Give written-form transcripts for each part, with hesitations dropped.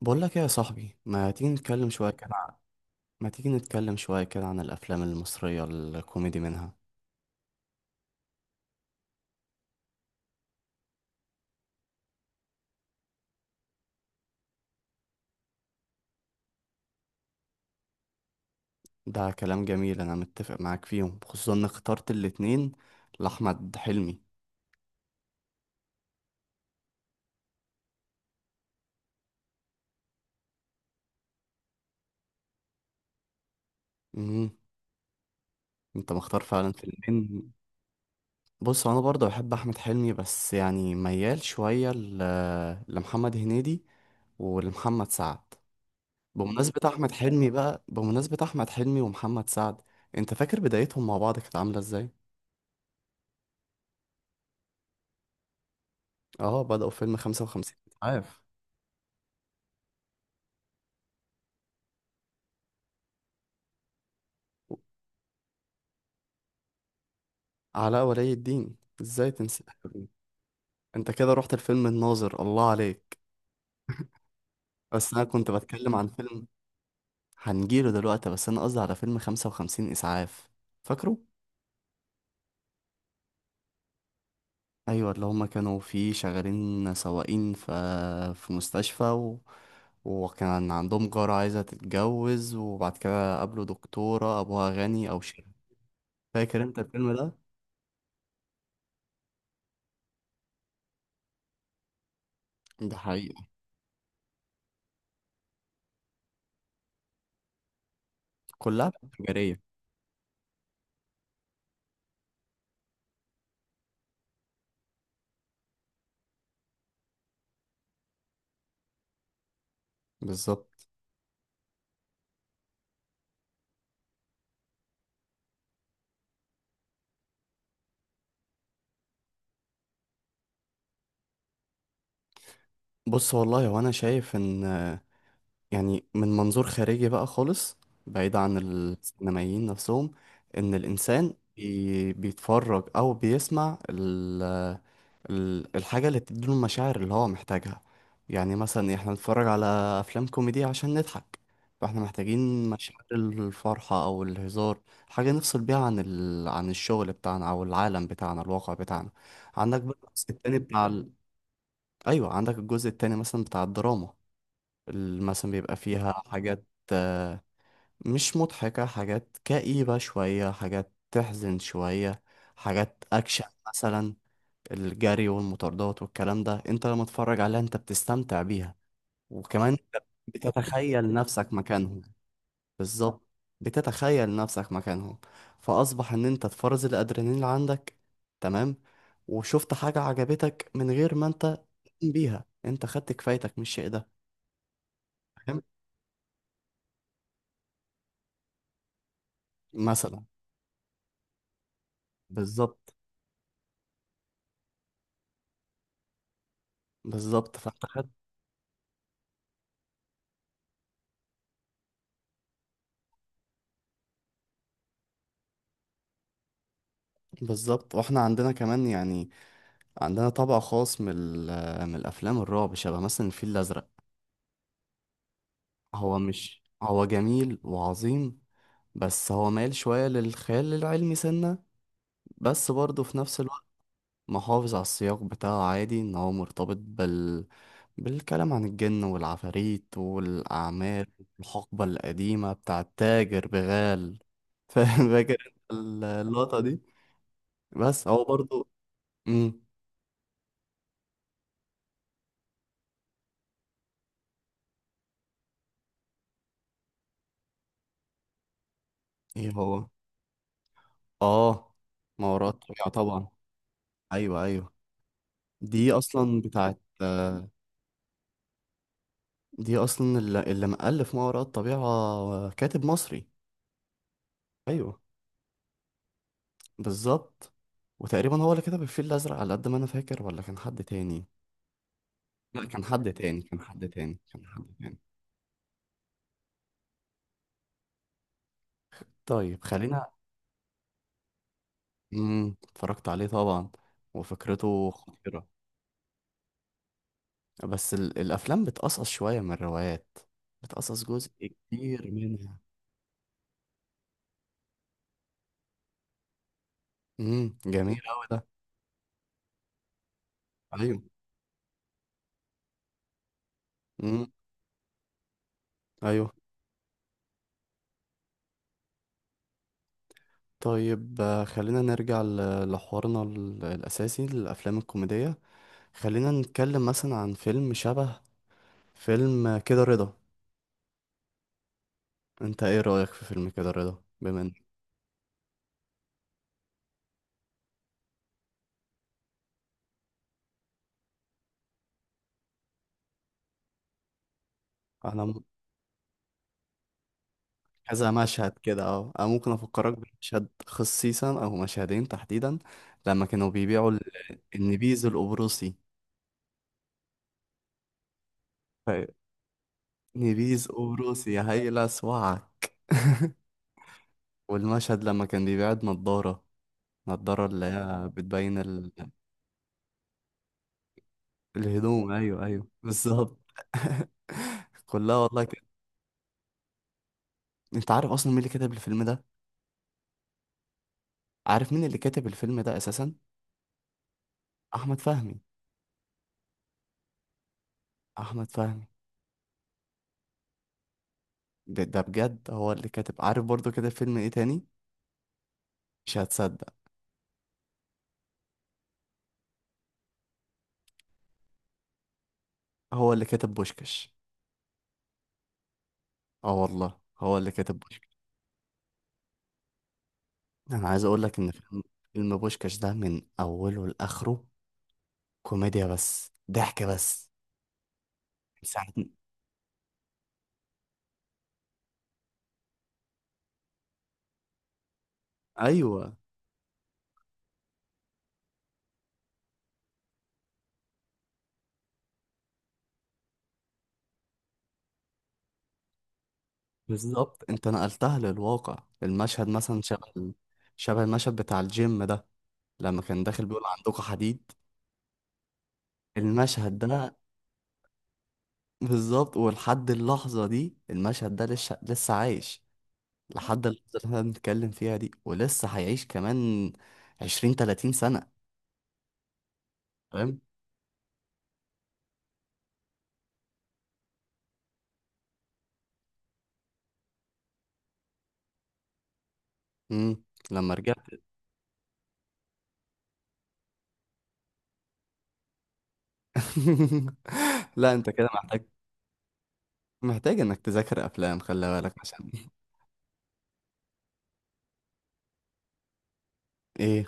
بقول لك ايه يا صاحبي، ما تيجي نتكلم شويه كده عن- ما تيجي نتكلم شويه كده عن الافلام المصريه الكوميدي منها؟ ده كلام جميل، انا متفق معاك فيهم، خصوصا ان اخترت الاتنين لاحمد حلمي. امم انت مختار فعلا فيلمين. بص، انا برضه بحب احمد حلمي، بس يعني ميال شويه لمحمد هنيدي ولمحمد سعد. بمناسبة أحمد حلمي ومحمد سعد، أنت فاكر بدايتهم مع بعض كانت عاملة إزاي؟ آه، بدأوا فيلم 55 إسعاف. علاء ولي الدين، ازاي تنسى الحريم؟ انت كده رحت الفيلم الناظر، الله عليك. بس انا كنت بتكلم عن فيلم هنجيله دلوقتي، بس انا قصدي على فيلم 55 اسعاف، فاكره؟ ايوه، اللي هما كانوا فيه شغالين سواقين في مستشفى وكان عندهم جارة عايزة تتجوز، وبعد كده قابلوا دكتورة ابوها غني او شيخ. فاكر انت الفيلم ده؟ ده حقيقة، كلها تجارية. بالظبط. بص، والله وانا شايف ان، يعني من منظور خارجي بقى خالص، بعيد عن السينمائيين نفسهم، ان الانسان بيتفرج او بيسمع ال ال الحاجه اللي بتديله المشاعر اللي هو محتاجها. يعني مثلا احنا نتفرج على افلام كوميدي عشان نضحك، فاحنا محتاجين مشاعر الفرحه او الهزار، حاجه نفصل بيها عن الشغل بتاعنا او العالم بتاعنا، الواقع بتاعنا. عندك بقى الجزء التاني بتاع. ايوه، عندك الجزء التاني مثلا بتاع الدراما، مثلا بيبقى فيها حاجات، آه، مش مضحكة، حاجات كئيبة شوية، حاجات تحزن شوية، حاجات أكشن مثلا. الجري والمطاردات والكلام ده، انت لما تتفرج عليها انت بتستمتع بيها، وكمان انت بتتخيل نفسك مكانهم. بالظبط. بتتخيل نفسك مكانهم فأصبح ان انت تفرز الأدرينالين اللي عندك. تمام. وشفت حاجة عجبتك من غير ما انت تقوم بيها، انت خدت كفايتك من الشيء ده، فاهم؟ مثلا، بالظبط، بالظبط، فاحنا خد. بالظبط، واحنا عندنا كمان يعني، عندنا طبع خاص من الافلام الرعب، شبه مثلا الفيل الازرق. هو مش هو جميل وعظيم، بس هو مايل شويه للخيال العلمي سنه، بس برضه في نفس الوقت محافظ على السياق بتاعه، عادي ان هو مرتبط بالكلام عن الجن والعفاريت والاعمال، الحقبه القديمه بتاع التاجر بغال فاكر انت اللقطه دي؟ بس هو برضه. امم. ايه هو؟ اه، مهارات طبيعة طبعا. ايوه، ايوه، دي اصلا بتاعت. دي اصلا اللي مؤلف مهارات طبيعة، كاتب مصري. ايوه. بالظبط. وتقريبا هو اللي كتب الفيل الازرق على قد ما انا فاكر، ولا كان حد تاني؟ لا، كان حد تاني، كان حد تاني، كان حد تاني. طيب خلينا. اتفرجت عليه طبعا، وفكرته خطيرة. الافلام بتقصص شوية من الروايات، بتقصص جزء كتير منها. جميل قوي ده. ايوه، ايوه. طيب، خلينا نرجع لحوارنا الاساسي للافلام الكوميديه. خلينا نتكلم مثلا عن فيلم شبه فيلم كده رضا. انت ايه رايك في فيلم كده رضا؟ بما ان انا م- كذا مشهد كده، اه انا ممكن افكرك بمشهد خصيصا او مشهدين تحديدا. لما كانوا بيبيعوا النبيذ القبرصي، ف- نبيذ قبرصي يا هيلا اسوعك. والمشهد لما كان بيبيع النضاره، النضاره اللي هي بتبين الهدوم، ايوه، ايوه، بالظبط. كلها والله كده. انت عارف اصلا مين اللي كتب الفيلم ده؟ عارف مين اللي كتب الفيلم ده اساسا؟ احمد فهمي. احمد فهمي. ده بجد هو اللي كاتب، عارف برضو كده فيلم ايه تاني؟ مش هتصدق. هو اللي كاتب بوشكش. اه والله هو اللي كاتب بوشكش. انا عايز اقول لك ان فيلم بوشكش ده من اوله لاخره كوميديا، بس ضحك بس، ساعة. ايوه، بالظبط انت نقلتها للواقع، المشهد مثلا شبه المشهد بتاع الجيم ده، لما كان داخل بيقول عندكم حديد. المشهد ده، بالظبط، ولحد اللحظة دي المشهد ده لسه لسه عايش، لحد اللحظة اللي احنا بنتكلم فيها دي، ولسه هيعيش كمان 20 30 سنة. فاهم؟ مم. لما رجعت لا، انت كده محتاج انك تذاكر افلام، خلي بالك عشان ايه.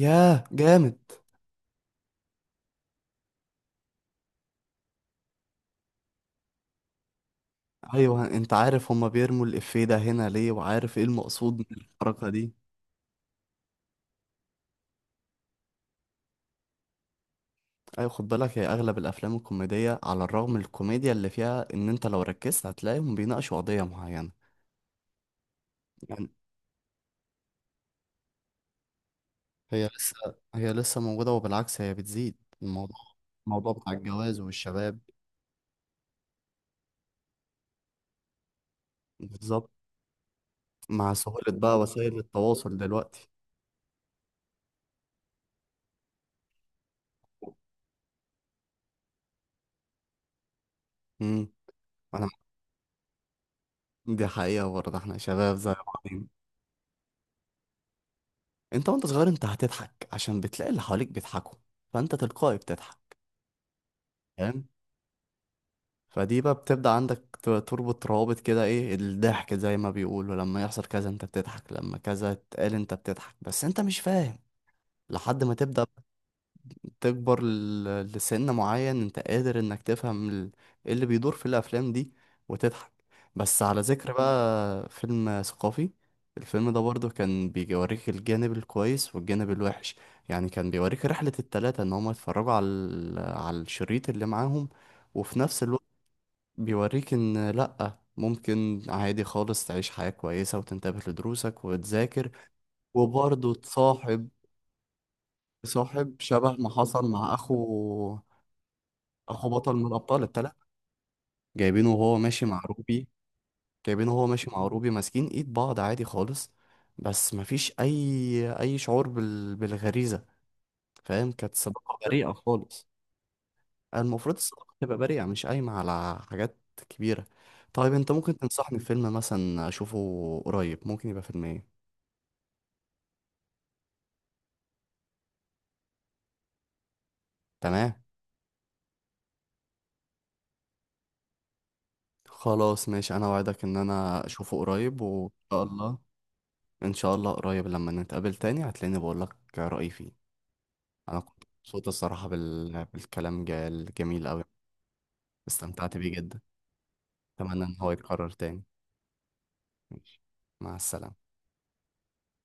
ياه، جامد. ايوه، انت عارف هما بيرموا الافيه ده هنا ليه، وعارف ايه المقصود من الحركه دي. ايوه، خد بالك، هي اغلب الافلام الكوميديه على الرغم من الكوميديا اللي فيها، ان انت لو ركزت هتلاقيهم بيناقشوا قضيه معينه، يعني. هي لسه موجوده، وبالعكس هي بتزيد. الموضوع الموضوع بتاع الجواز والشباب. بالظبط، مع سهوله بقى وسائل التواصل دلوقتي. امم انا دي حقيقه برضه، احنا شباب زي بعضين. انت وانت صغير انت هتضحك عشان بتلاقي اللي حواليك بيضحكوا، فانت تلقائي بتضحك. فاهم؟ فدي بقى بتبدأ عندك تربط روابط كده، ايه الضحك زي ما بيقولوا، لما يحصل كذا انت بتضحك، لما كذا اتقال انت بتضحك، بس انت مش فاهم لحد ما تبدأ تكبر لسن معين انت قادر انك تفهم ايه اللي بيدور في الافلام دي، وتضحك. بس على ذكر بقى فيلم ثقافي، الفيلم ده برضه كان بيوريك الجانب الكويس والجانب الوحش، يعني كان بيوريك رحلة التلاتة ان هما يتفرجوا على الشريط اللي معاهم، وفي نفس الوقت بيوريك ان لأ، ممكن عادي خالص تعيش حياة كويسة وتنتبه لدروسك وتذاكر، وبرضه تصاحب شبه ما حصل مع أخو، أخو بطل من الأبطال التلاتة، جايبينه وهو ماشي مع روبي جايبينه وهو ماشي مع روبي ماسكين إيد بعض، عادي خالص، بس مفيش أي شعور بالغريزة، فاهم، كانت سباقة بريئة خالص. المفروض الصداقة تبقى بريئة، مش قايمة على حاجات كبيرة. طيب، انت ممكن تنصحني بفيلم مثلا اشوفه قريب، ممكن يبقى فيلم ايه؟ تمام، خلاص ماشي، انا وعدك ان انا اشوفه قريب، وان شاء الله. ان شاء الله قريب، لما نتقابل تاني هتلاقيني بقول لك رأيي فيه. انا كنت مبسوط الصراحة بالكلام الجميل قوي، استمتعت بيه جدا، اتمنى ان هو يتكرر تاني. ماشي، مع السلامة.